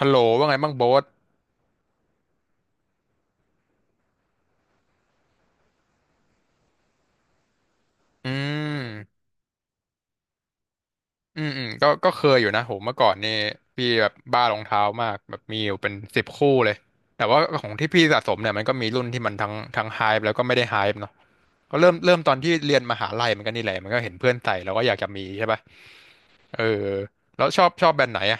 ฮัลโหลว่าไงบ้างโบ๊ทอืมอืมก็เคยอยู่นะโหเมื่อก่อนนี่พี่แบบบ้ารองเท้ามากแบบมีอยู่เป็นสิบคู่เลยแต่ว่าของที่พี่สะสมเนี่ยมันก็มีรุ่นที่มันทั้งไฮป์แล้วก็ไม่ได้ไฮป์เนาะก็เริ่มตอนที่เรียนมหาลัยมันก็นี่แหละมันก็เห็นเพื่อนใส่แล้วก็อยากจะมีใช่ป่ะเออแล้วชอบแบรนด์ไหนอ่ะ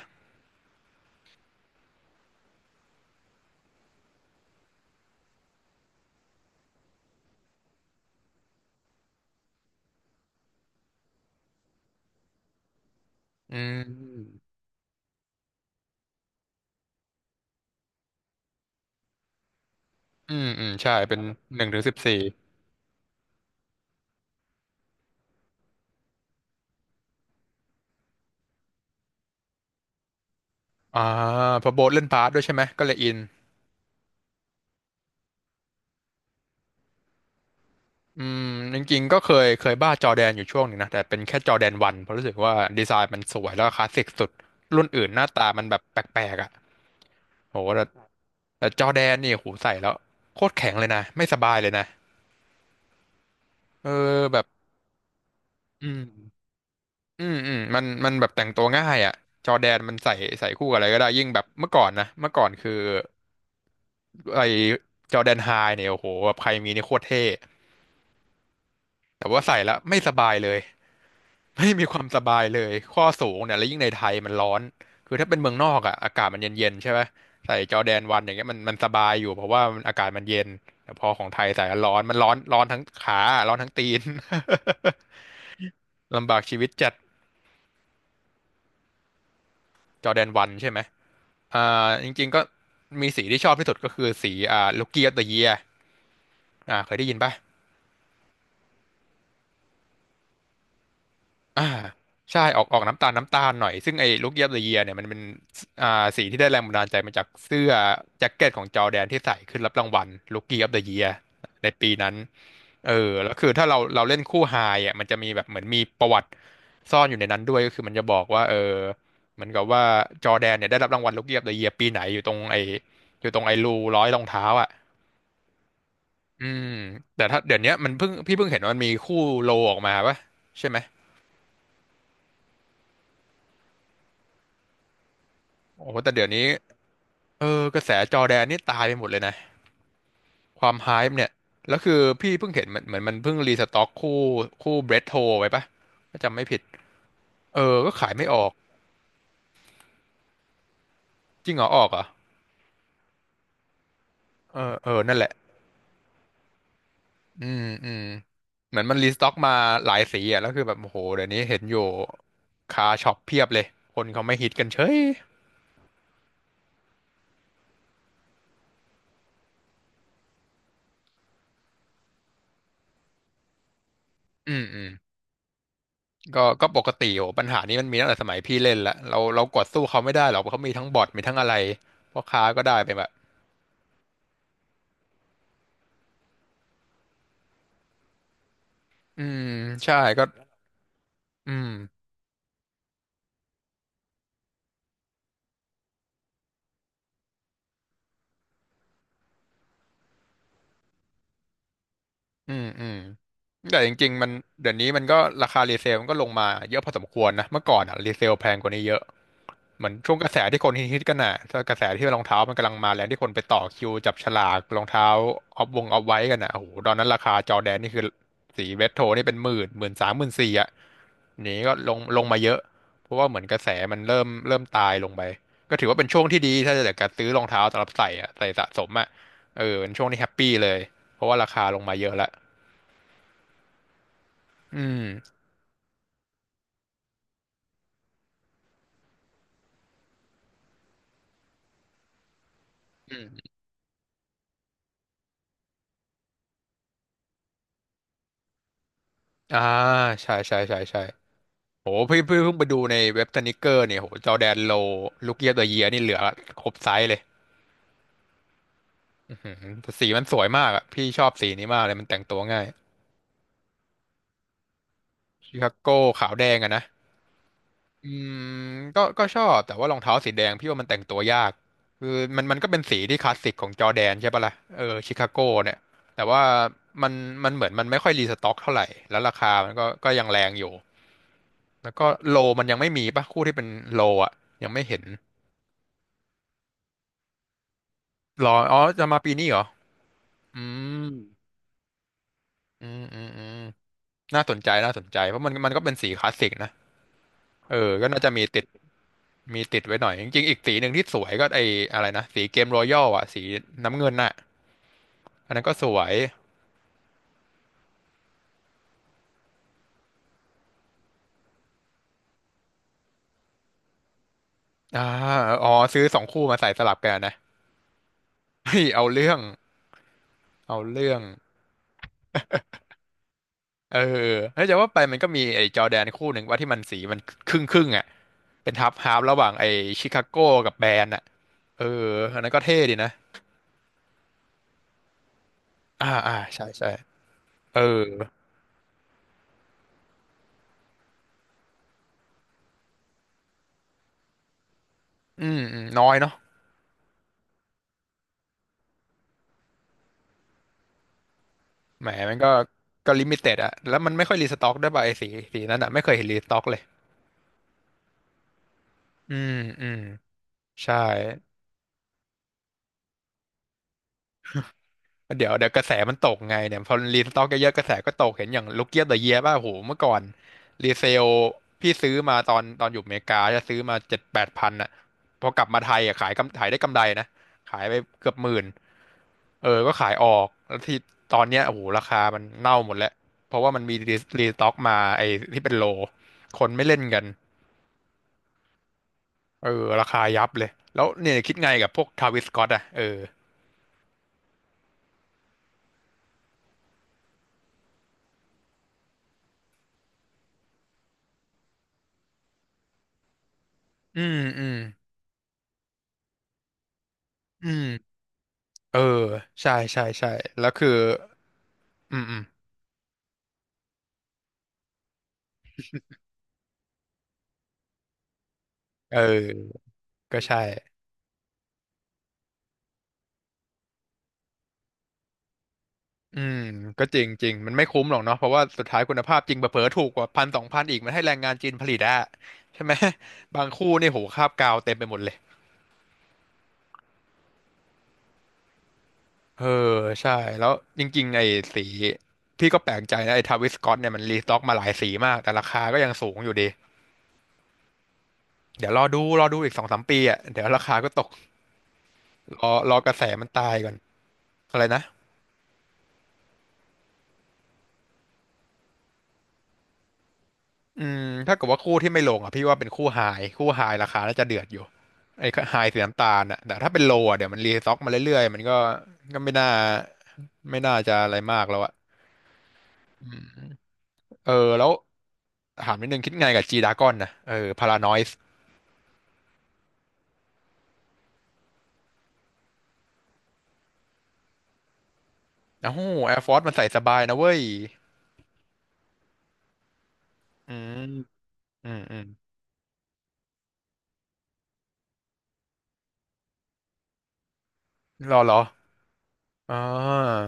อืมอืมใช่เป็นหนึ่งถึงสิบสี่อ่าเพอโบ๊ทเล่นบาสด้วยใช่ไหมก็เลยอิน อืมจริงๆก็เคยบ้าจอแดนอยู่ช่วงหนึ่งนะแต่เป็นแค่จอแดนวันเพราะรู้สึกว่าดีไซน์มันสวยแล้วก็คลาสสิกสุดรุ่นอื่นหน้าตามันแบบแปลกๆอ่ะโหแต่แต่จอแดนนี่โหใส่แล้วโคตรแข็งเลยนะไม่สบายเลยนะเออแบบอืมอืมมันแบบแต่งตัวง่ายอ่ะจอแดนมันใส่ใส่คู่กับอะไรก็ได้ยิ่งแบบเมื่อก่อนนะเมื่อก่อนคือไอจอแดนไฮเนี่ยโอ้โหแบบใครมีนี่โคตรเท่ แต่ว่าใส่แล้วไม่สบายเลย ไม่มีความสบายเลย ข้อสูงเนี่ยแล้วยิ่งในไทยมันร้อน คือถ้าเป็นเมืองนอกอ่ะอากาศมันเย็นๆใช่ไหม ใส่จอร์แดนวันอย่างเงี้ยมันสบายอยู่เพราะว่ามันอากาศมันเย็นแต่พอของไทยใส่แล้วร้อน มันร้อนทั้งขา ร้อนทั้งตีน ลำบากชีวิตจัดจอร์แดนวันใช่ไหมอ่าจริงๆก็มีสีที่ชอบที่สุดก็คือสีลูกี้ออฟเดอะเยียอ่าเคยได้ยินป่ะ อ่าใช่ออกน้ำตาลหน่อยซึ่งไอ้ลูกเยียบเดอะเยียเนี่ยมันเป็นอ่าสีที่ได้แรงบันดาลใจมาจากเสื้อแจ็คเก็ตของจอร์แดนที่ใส่ขึ้นรับรางวัลลูกเยียบเดอะเยียในปีนั้นเออแล้วคือถ้าเราเล่นคู่ไฮอ่ะมันจะมีแบบเหมือนมีประวัติซ่อนอยู่ในนั้นด้วยก็คือมันจะบอกว่าเออเหมือนกับว่าจอร์แดนเนี่ยได้รับรางวัลลูกเยียบเดอะเยียปีไหนอยู่ตรงไอ้อยู่ตรงไอ้รูร้อยรองเท้าอ่ะอืมแต่ถ้าเดี๋ยวเนี้ยมันเพิ่งพี่เพิ่งเห็นว่ามันมีคู่โลออกมาปะใช่ไหมโอ้โหแต่เดี๋ยวนี้ เออกระแสจอร์แดนนี่ตายไปหมดเลยนะความไฮป์เนี่ยแล้วคือพี่เพิ่งเห็นมันเหมือนมันเพิ่งรีสต็อกคู่เบรดโทไว้ปะถ้าจำไม่ผิดเออก็ขายไม่ออกจริงเหรอออกเหรอ่ะเออนั่นแหละอืมเหมือนมันรีสต็อกมาหลายสีอ่ะแล้วคือแบบโอ้โหเดี๋ยวนี้เห็นอยู่คาช็อปเพียบเลยคนเขาไม่ฮิตกันเฉยอืมก็ปกติโอ้ปัญหานี้มันมีตั้งแต่สมัยพี่เล่นละเรากดสู้เขาไม่ได้หรอกเพราะเขามีทั้งบอทมีทั้งอะไรพ่อค้าก็ได้ไปแบบอืมใช่ก็อืม อืมแต่จริงๆมันเดี๋ยวนี้มันก็ราคารีเซลมันก็ลงมาเยอะพอสมควรนะเมื่อก่อนอ่ะรีเซลแพงกว่านี้เยอะเหมือนช่วงกระแสที่คนฮิตๆกันน่ะถ้ากระแสที่รองเท้ามันกำลังมาแรงที่คนไปต่อคิวจับฉลากรองเท้าออฟวงออฟไว้กันน่ะโอ้โหตอนนั้นราคาจอร์แดนนี่คือสีเรดโทนี่เป็นหมื่นหมื่นสามหมื่นสี่อ่ะหนีก็ลงมาเยอะเพราะว่าเหมือนกระแสมันเริ่มตายลงไปก็ถือว่าเป็นช่วงที่ดีถ้าจะเกิดการซื้อรองเท้าสำหรับใส่อ่ะใส่สะสมอ่ะเออเป็นช่วงที่แฮปปี้เลยเพราะว่าราคาลงมาเยอะละ อืมอืมอ่าใช่โหพี่เพิ่งไปดูในเว็บสนิเกอร์เนี่ยโหจอร์แดนโลลูกเยียบเอเยียนี่เหลือครบไซส์เลยอื้อหือแต่สีมันสวยมากอ่ะพี่ชอบสีนี้มากเลยมันแต่งตัวง่ายชิคาโก้ขาวแดงอะนะอืมก็ชอบแต่ว่ารองเท้าสีแดงพี่ว่ามันแต่งตัวยากคือมันก็เป็นสีที่คลาสสิกของจอร์แดนใช่ปะล่ะเออชิคาโก้เนี่ยแต่ว่ามันมันเหมือนมันไม่ค่อยรีสต็อกเท่าไหร่แล้วราคามันก็ยังแรงอยู่ แล้วก็โลมันยังไม่มีปะคู่ที่เป็นโลอ่ะยังไม่เห็นรออ๋อจะมาปีนี้เหรออืมอืมอืมอืมน่าสนใจน่าสนใจเพราะมันก็เป็นสีคลาสสิกนะเออก็น่าจะมีติดมีติดไว้หน่อยจริงๆอีกสีหนึ่งที่สวยก็ไออะไรนะสีเกมรอยัลอ่ะสีน้ำเงินน่ะอันนั้นก็สวยอ่าอ๋อซื้อสองคู่มาใส่สลับกันนะ เฮ้ยเอาเรื่องเอาเรื่อง เออเฮ้ยจะว่าไปมันก็มีไอ้จอร์แดนคู่หนึ่งว่าที่มันสีมันครึ่งอ่ะเป็นทับฮาล์ฟระหว่างไอ้ชิคาโก้กับแบรนด์อ่ะเอออันนั้นก็เท่ดีนะ อ่าอ่า ใช่ใช่เอออืมอืม น้อยเนาะแหมมันก็ก็ลิมิเต็ดอะแล้วมันไม่ค่อยรีสต็อกด้วยป่ะไอ้สีนั้นอะไม่เคยเห็นรีสต็อกเลย อืม อืม ใช่ เดี๋ยวกระแสมันตกไงเนี่ยพอรีสต็อกเยอะๆกระแสก็ตกเห็นอย่างลูกเกียบเดอะเยียป่ะโหเมื่อก่อนรีเซลพี่ซื้อมาตอนอยู่อเมริกาจะซื้อมาเจ็ดแปดพันอ่ะพอกลับมาไทยอ่ะขายกำขายได้กำไรนะขายไปเกือบหมื่นเออก็ขายออกแล้วที่ตอนเนี้ยโอ้โหราคามันเน่าหมดแล้วเพราะว่ามันมีรีสต็อกมาไอ้ที่เป็นโลคนไม่เล่นกันเออราคายับเลยแล้วเนี่ยคิดไงกับพวกทาวิสสก็อตอ่ะเอออืมอืมอืมเออใช่ใช่ใช่แล้วคือ อืมอืมเออก็ใช่อืมก็จริงจริงมันไม่คุ้มหรอกเนาะเพราะว่าสุดท้ายคุณภาพจริงเผลอๆถูกกว่าพันสองพันอีกมันให้แรงงานจีนผลิตอะใช่ไหม บางคู่นี่โหคราบกาวเต็มไปหมดเลยเออใช่แล้วจริงๆไอ้สีพี่ก็แปลกใจนะไอ้ทาวิสสก็อตเนี่ยมันรีสต็อกมาหลายสีมากแต่ราคาก็ยังสูงอยู่ดีเดี๋ยวรอดูอีกสองสามปีอ่ะเดี๋ยวราคาก็ตกรอกระแสมันตายก่อนอะไรนะ อืมถ้าเกิดว่าคู่ที่ไม่ลงอ่ะพี่ว่าเป็นคู่ไฮคู่ไฮราคาน่าจะเดือดอยู่ไอ้ไฮสีน้ำตาลอ่ะแต่ถ้าเป็นโลอ่ะเดี๋ยวมันรีซ็อกมาเรื่อยๆมันก็ก็ไม่น่าไม่น่าจะอะไรมากแล้วอ่ะอืมเออแล้วถามนิดนึงคิดไงกับจีดากอนนะเออพารานอยส์โอ้โหแอร์ฟอร์สมันใส่สบายนะเว้ยอืมอืมอืมรอเหรออ่า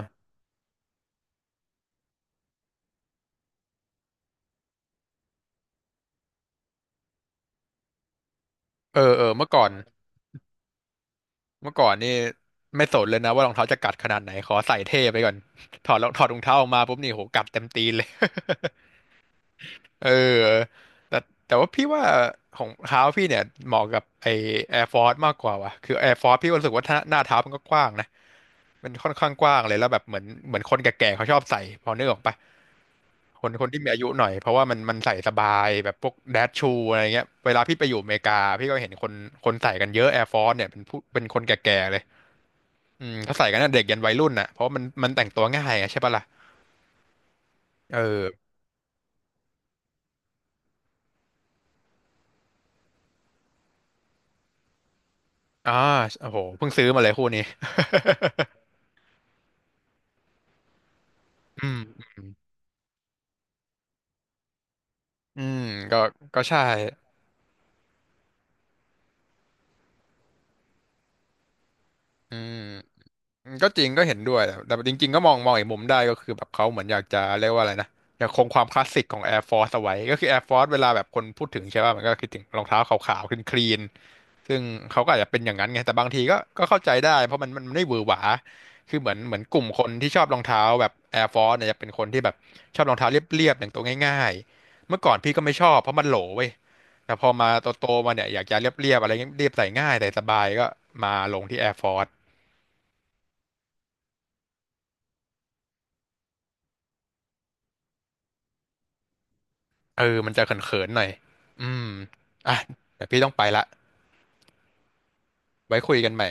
เออเออเมื่อก่อน เมื่อก่อนนี่ไม่สนเลยนะว่ารองเท้าจะกัดขนาดไหนขอใส่เท่ไปก่อน ถอดรองเท้าออกมาปุ๊บนี่โหกัดเต็มตีนเลย เออแต่แต่ว่าพี่ว่าของเท้าพี่เนี่ยเหมาะกับไอ Air Force มากกว่าว่ะคือ Air Force พี่ก็รู้สึกว่าถ้าหน้าเท้ามันก็กว้างนะมันค่อนข้างกว้างเลยแล้วแบบเหมือนคนแก่ๆเขาชอบใส่พอนึกออกปะคนที่มีอายุหน่อยเพราะว่ามันใส่สบายแบบพวกแดชชูอะไรเงี้ยเวลาพี่ไปอยู่อเมริกาพี่ก็เห็นคนใส่กันเยอะ Air Force เนี่ยเป็นผู้เป็นคนแก่ๆเลย อืมเขาใส่กันตั้งแต่เด็กยันวัยรุ่นน่ะเพราะมันแต่งตัวง่ายอะใช่ปะล่ะเอออ่าโอ้โหเพิ่งซื้อมาเลยคู่นี้อืมอืมก็ก็ใช่อืม ก็จริงก็เห็นด้วยแต่แต่จริงๆก็มองอีกมุมได้ก็คือแบบเขาเหมือนอยากจะเรียกว่าอะไรนะอยากคงความคลาสสิกของ Air Force เอาไว้ก็คือ Air Force เวลาแบบคนพูดถึงใช่ป่ะมันก็คิดถึงรองเท้าขาวๆคลีนๆซึ่งเขาก็อาจจะเป็นอย่างนั้นไงแต่บางทีก็ก็เข้าใจได้เพราะมันไม่หวือหวาคือเหมือนกลุ่มคนที่ชอบรองเท้าแบบ Air Force เนี่ยจะเป็นคนที่แบบชอบรองเท้าเรียบๆอย่างตัวง่ายๆเมื่อก่อนพี่ก็ไม่ชอบเพราะมันโหลเว้ยแต่พอมาโตๆมาเนี่ยอยากจะเรียบๆอะไรเงี้ยเรียบใส่ง่ายใส่สบายก็มาลงที่ Air Force เออมันจะเขินๆหน่อย อืมอ่ะแต่พี่ต้องไปละไว้คุยกันใหม่